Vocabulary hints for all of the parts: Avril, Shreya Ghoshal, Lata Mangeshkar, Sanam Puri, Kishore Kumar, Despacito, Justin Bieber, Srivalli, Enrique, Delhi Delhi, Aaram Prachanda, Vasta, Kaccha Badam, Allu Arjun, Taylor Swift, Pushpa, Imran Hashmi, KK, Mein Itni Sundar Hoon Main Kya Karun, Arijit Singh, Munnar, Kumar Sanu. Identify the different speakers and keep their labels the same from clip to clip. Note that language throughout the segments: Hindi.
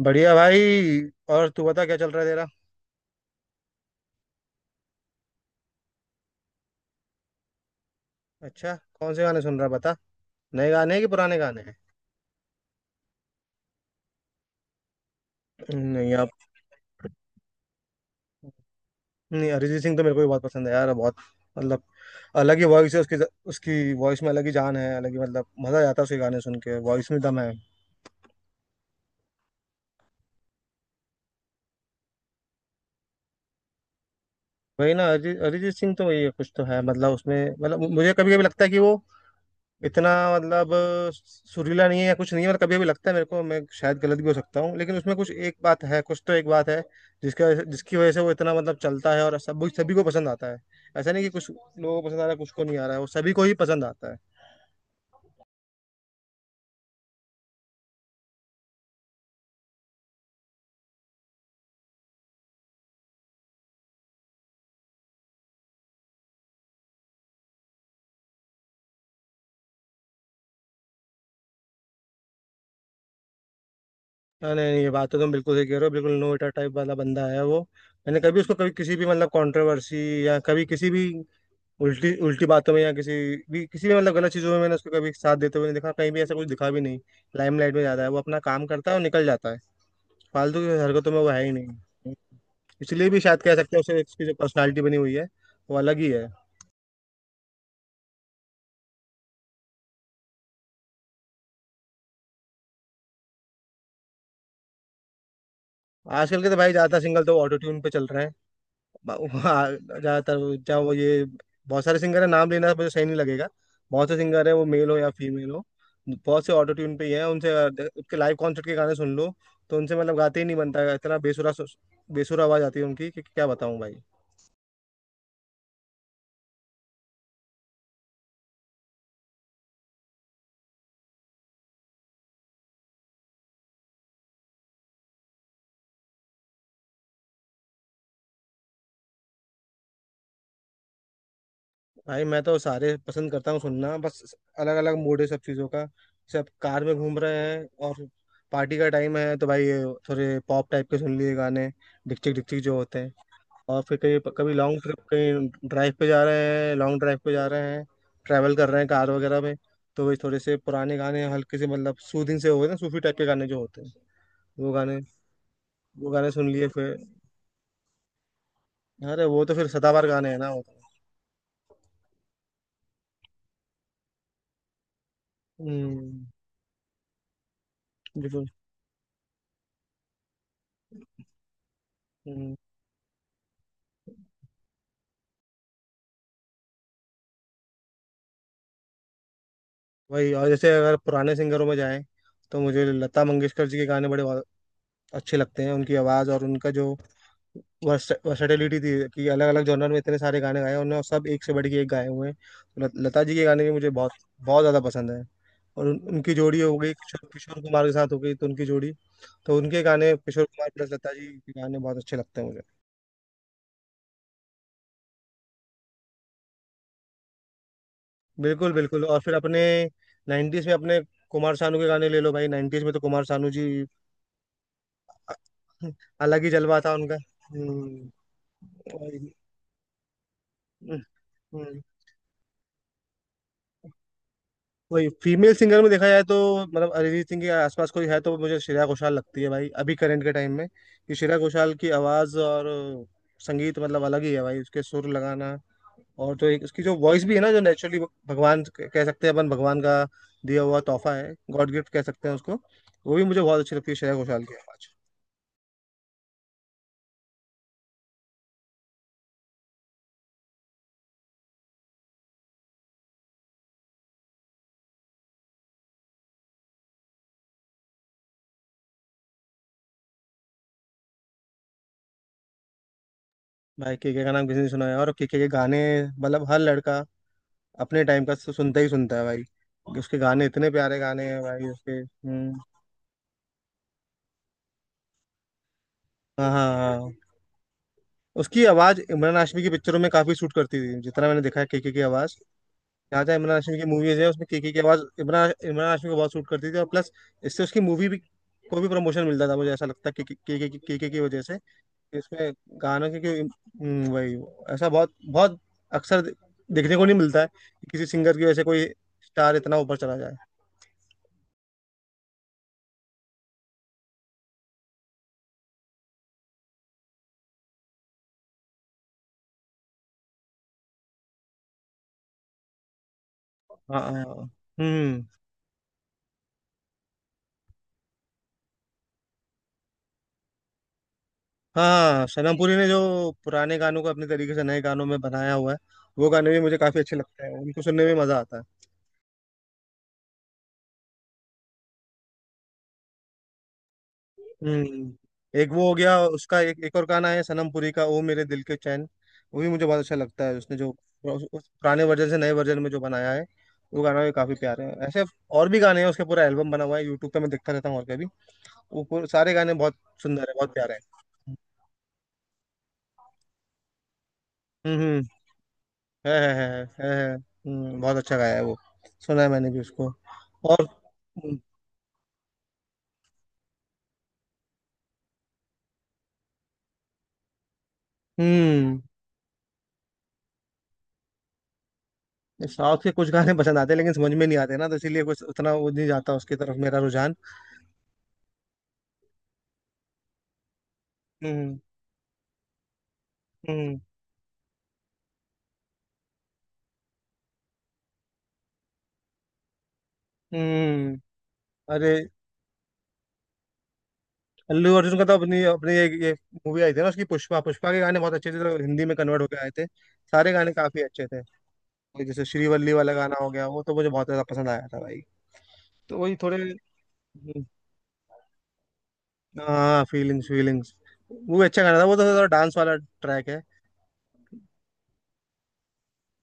Speaker 1: बढ़िया भाई। और तू बता क्या चल रहा है तेरा। अच्छा। कौन से गाने सुन रहा है बता। नए गाने हैं कि पुराने गाने हैं। नहीं आप। नहीं अरिजीत सिंह तो मेरे को भी बहुत पसंद है यार, बहुत। मतलब अलग ही वॉइस है उसकी। उसकी वॉइस में अलग ही जान है, अलग ही मतलब मजा आता है उसके गाने सुन के, वॉइस में दम है। वही ना, अरिजीत अरिजीत सिंह तो वही है, कुछ तो है मतलब उसमें। मतलब मुझे कभी कभी लगता है कि वो इतना मतलब सुरीला नहीं है या कुछ नहीं है। मतलब कभी कभी लगता है मेरे को, मैं शायद गलत भी हो सकता हूँ, लेकिन उसमें कुछ एक बात है, कुछ तो एक बात है जिसका जिसकी वजह से वो इतना मतलब चलता है और सब सभी को पसंद आता है। ऐसा नहीं कि कुछ लोगों को पसंद आ रहा है, कुछ को नहीं आ रहा है, वो सभी को ही पसंद आता है। हाँ, नहीं नहीं, ये बात तो तुम बिल्कुल सही कह रहे हो। बिल्कुल नोएटा टाइप वाला बंदा है वो। मैंने कभी उसको कभी किसी भी मतलब कंट्रोवर्सी या कभी किसी भी उल्टी उल्टी बातों में या किसी भी मतलब गलत चीज़ों में मैंने उसको कभी साथ देते हुए नहीं देखा, कहीं भी ऐसा कुछ दिखा भी नहीं। लाइमलाइट में ज्यादा है, वो अपना काम करता है और निकल जाता है। फालतू की हरकतों में वो है ही नहीं। इसलिए भी शायद कह सकते हैं उसे, उसकी जो पर्सनालिटी बनी हुई है वो अलग ही है। आजकल के तो भाई ज्यादातर सिंगल तो ऑटो ट्यून पे चल रहे हैं। वहाँ ज्यादातर, चाहे वो ये, बहुत सारे सिंगर है, नाम लेना मुझे सही नहीं लगेगा। बहुत से सिंगर है, वो मेल हो या फीमेल हो, बहुत से ऑटो ट्यून पे ही हैं, उनसे उनके लाइव कॉन्सर्ट के गाने सुन लो तो उनसे मतलब गाते ही नहीं बनता है, इतना बेसुरा, बेसुरा आवाज आती है उनकी कि क्या बताऊं भाई। भाई मैं तो सारे पसंद करता हूँ सुनना, बस अलग अलग मूड है सब चीज़ों का। सब कार में घूम रहे हैं और पार्टी का टाइम है तो भाई थोड़े पॉप टाइप के सुन लिए गाने, डिक्चिक डिक्चिक जो होते हैं। और फिर कहीं कभी लॉन्ग ट्रिप कहीं ड्राइव पे जा रहे हैं, लॉन्ग ड्राइव पे जा रहे हैं, ट्रैवल कर रहे हैं कार वगैरह में, तो वही थोड़े से पुराने गाने हल्के से मतलब सूदिंग से हो गए ना, सूफी टाइप के गाने जो होते हैं, वो गाने, सुन लिए फिर। अरे वो तो फिर सदाबहार गाने हैं ना वो तो। हम्म। बिल्कुल। वही, और जैसे अगर पुराने सिंगरों में जाएं तो मुझे लता मंगेशकर जी के गाने बड़े अच्छे लगते हैं। उनकी आवाज़ और उनका जो वर्सेटिलिटी थी कि अलग अलग जॉनर में इतने सारे गाने गाए उन्होंने और सब एक से बढ़ के एक गाए हुए हैं, तो लता जी के गाने भी मुझे बहुत बहुत ज़्यादा पसंद है। और उनकी जोड़ी हो गई किशोर किशोर कुमार के साथ हो गई, तो उनकी जोड़ी, तो उनके गाने, किशोर कुमार प्लस लता जी के गाने बहुत अच्छे लगते हैं मुझे। बिल्कुल बिल्कुल। और फिर अपने नाइन्टीज में, अपने कुमार सानू के गाने ले लो भाई, नाइन्टीज में तो कुमार सानू जी, अलग ही जलवा था उनका। हम्म। वही। हम्म, वही। फीमेल सिंगर में देखा जाए तो मतलब अरिजीत सिंह के आसपास कोई है तो मुझे श्रेया घोषाल लगती है भाई, अभी करंट के टाइम में, कि श्रेया घोषाल की आवाज़ और संगीत मतलब अलग ही है भाई, उसके सुर लगाना। और जो एक उसकी जो वॉइस भी है ना जो नेचुरली भगवान कह सकते हैं, अपन भगवान का दिया हुआ तोहफा है, गॉड गिफ्ट कह सकते हैं उसको। वो भी मुझे बहुत अच्छी लगती है श्रेया घोषाल की आवाज़। भाई के का नाम किसी ने सुना है और के गाने, मतलब हर लड़का अपने टाइम का तो सुनता ही सुनता है भाई। उसके गाने इतने प्यारे गाने हैं भाई उसके। हम्म। हाँ हाँ हाँ। उसकी आवाज इमरान हाशमी की पिक्चरों में काफी सूट करती थी, जितना मैंने देखा है केके की आवाज। जहाँ जहाँ इमरान हाशमी की मूवीज है उसमें केके की आवाज इमरान इमरान हाशमी को बहुत सूट करती थी, और प्लस इससे उसकी मूवी भी, को भी प्रमोशन मिलता था, मुझे ऐसा लगता है, केके केके की वजह से इसमें गानों वही। ऐसा बहुत बहुत अक्सर देखने को नहीं मिलता है कि किसी सिंगर की वजह से कोई स्टार इतना ऊपर चला जाए। हाँ हाँ, हाँ। हम्म। हाँ, सनम पुरी ने जो पुराने गानों को अपने तरीके से नए गानों में बनाया हुआ है, वो गाने भी मुझे काफी अच्छे लगते हैं, उनको सुनने में मजा आता है। हम्म। एक वो हो गया उसका, एक एक और गाना है सनम पुरी का, ओ मेरे दिल के चैन, वो भी मुझे बहुत अच्छा लगता है, उसने जो उस पुराने वर्जन से नए वर्जन में जो बनाया है, वो गाना भी काफी प्यारे हैं ऐसे, और भी गाने हैं, उसका पूरा एल्बम बना हुआ है यूट्यूब पे, मैं देखता रहता हूँ, और कभी वो सारे गाने बहुत सुंदर है, बहुत प्यारे हैं। हम्म हम्म, है, है, बहुत अच्छा गाया है वो, सुना है मैंने भी उसको। और हम्म। साउथ के कुछ गाने पसंद आते हैं, लेकिन समझ में नहीं आते ना, तो इसीलिए कुछ उतना वो नहीं जाता उसकी तरफ मेरा रुझान। हम्म। हम्म। हम्म। अरे, अल्लू अर्जुन का तो अपनी अपनी एक ये मूवी आई थी ना उसकी, पुष्पा, पुष्पा के गाने बहुत अच्छे थे, तो हिंदी में कन्वर्ट होकर आए थे, सारे गाने काफी अच्छे थे। ये जैसे श्रीवल्ली वाला गाना हो गया, वो तो मुझे बहुत ज्यादा पसंद आया था भाई, तो वही थोड़े। हम्म, हाँ फीलिंग्स, फीलिंग्स, वो भी अच्छा गाना था, वो तो थोड़ा डांस वाला ट्रैक है।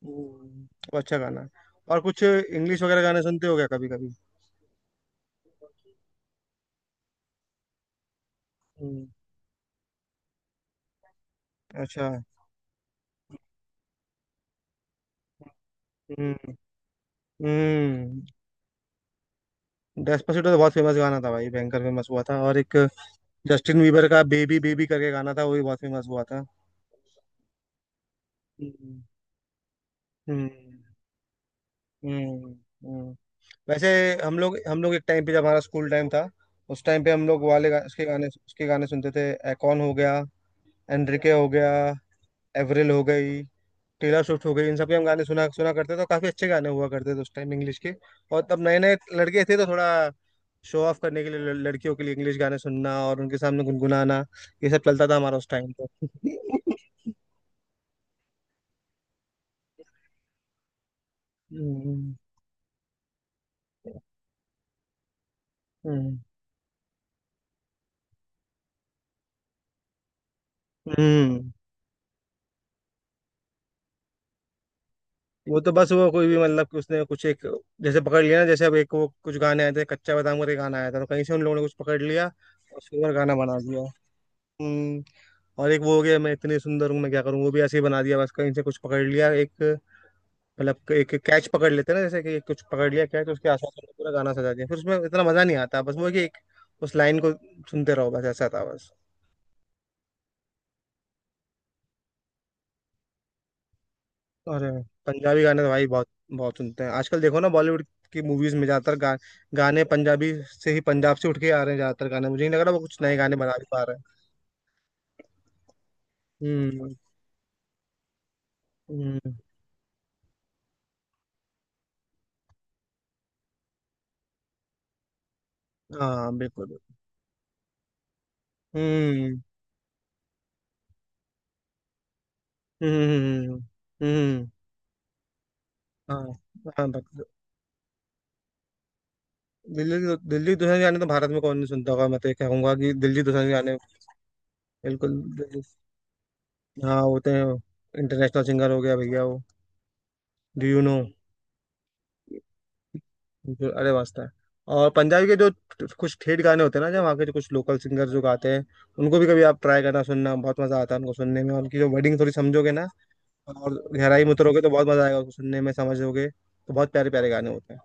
Speaker 1: हम्म, वो अच्छा गाना है। और कुछ इंग्लिश वगैरह गाने सुनते हो क्या कभी कभी? हम्म, अच्छा। हम्म। हम्म। डेस्पासिटो तो बहुत फेमस गाना था भाई, भयंकर फेमस हुआ था, और एक जस्टिन बीबर का बेबी बेबी करके गाना था, वो भी बहुत फेमस हुआ था। हम्म हम्म हम्म, हम्म। वैसे हम लोग एक टाइम पे, जब हमारा स्कूल टाइम था, उस टाइम पे हम लोग वाले उसके गाने, सुनते थे, एकॉन हो गया, एनरिके हो गया, एवरिल हो गई, टेलर स्विफ्ट हो गई, इन सबके हम गाने सुना सुना करते थे, और काफी अच्छे गाने हुआ करते थे उस टाइम इंग्लिश के। और तब नए नए लड़के थे तो थोड़ा शो ऑफ करने के लिए, लड़कियों के लिए इंग्लिश गाने सुनना और उनके सामने गुनगुनाना, ये सब चलता था हमारा उस टाइम पे हम्म हम्म हम्म। वो तो बस, वो कोई भी मतलब कि उसने कुछ एक जैसे पकड़ लिया ना, जैसे अब, एक वो कुछ गाने आए थे, कच्चा बादाम करके गाना आया था, तो कहीं से उन लोगों ने कुछ पकड़ लिया और उसके ऊपर गाना बना दिया। हम्म। और एक वो हो गया, मैं इतनी सुंदर हूँ मैं क्या करूँ, वो भी ऐसे ही बना दिया, बस कहीं से कुछ पकड़ लिया एक, मतलब एक कैच पकड़ लेते हैं ना, जैसे कि एक कुछ पकड़ लिया कैच, उसके आसपास हमने पूरा गाना सजा दिया, फिर उसमें इतना मजा नहीं आता, बस वो है कि एक उस लाइन को सुनते रहो, बस ऐसा था बस। और पंजाबी गाने तो भाई बहुत बहुत सुनते हैं, आजकल देखो ना बॉलीवुड की मूवीज में ज्यादातर गाने पंजाबी से ही, पंजाब से उठ के आ रहे हैं ज्यादातर गाने, मुझे नहीं लग रहा वो कुछ नए गाने बना भी पा रहे हैं। हम्म हम्म। हाँ बिल्कुल। हम्म हम्म हम्म। हाँ हाँ, बस। दिल्ली दिल्ली दूसरे गाने तो भारत में कौन नहीं सुनता होगा, मैं तो ये कहूंगा कि दिल्ली दूसरे गाने बिल्कुल बिल्कुल। हाँ, होते हैं, इंटरनेशनल सिंगर हो गया भैया वो। डू यू नो, जो, अरे वास्ता है। और पंजाबी के जो कुछ ठेठ गाने होते हैं ना, जो वहाँ के जो कुछ लोकल सिंगर जो गाते हैं, उनको भी कभी आप ट्राई करना सुनना, बहुत मजा आता है उनको सुनने में, और उनकी जो वर्डिंग थोड़ी समझोगे ना और गहराई में उतरोगे तो बहुत मजा आएगा उसको सुनने में, समझोगे तो बहुत प्यारे प्यारे गाने होते हैं।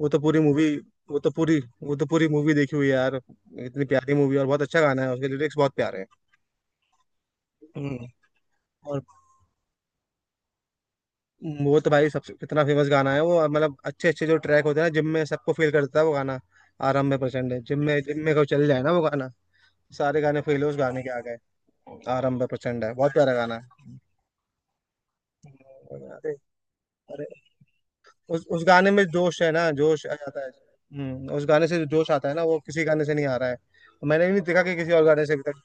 Speaker 1: वो तो पूरी मूवी, वो तो पूरी मूवी देखी हुई है यार, इतनी प्यारी मूवी, और बहुत अच्छा गाना है, उसके लिरिक्स बहुत प्यारे हैं। हम्म। और वो तो भाई सबसे कितना फेमस गाना है वो, मतलब अच्छे अच्छे जो ट्रैक होते हैं ना जिम में, सबको फील करता है वो गाना, आरंभ प्रचंड है, जिम में को चल जाए ना वो गाना, सारे गाने फील उस गाने के आ गए, आरंभ प्रचंड है, बहुत प्यारा गाना है। अरे, अरे, उस गाने में जोश है ना, जोश आ जाता है, हम्म, उस गाने से जो जोश आता है ना वो किसी गाने से नहीं आ रहा है, मैंने भी नहीं देखा कि किसी और गाने से अभी तक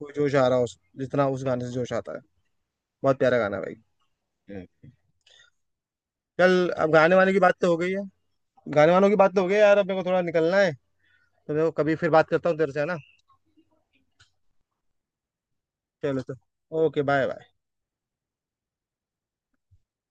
Speaker 1: कोई जोश आ रहा हो, जितना उस गाने से जोश आता है, बहुत प्यारा गाना है भाई। हम्म। चल, अब गाने वाने की बात तो हो गई है, गाने वानों की बात तो हो गई है यार, अब मेरे को थोड़ा निकलना है, तो देखो कभी फिर बात करता हूँ तेरे से, है ना? चलो तो, ओके, बाय बाय।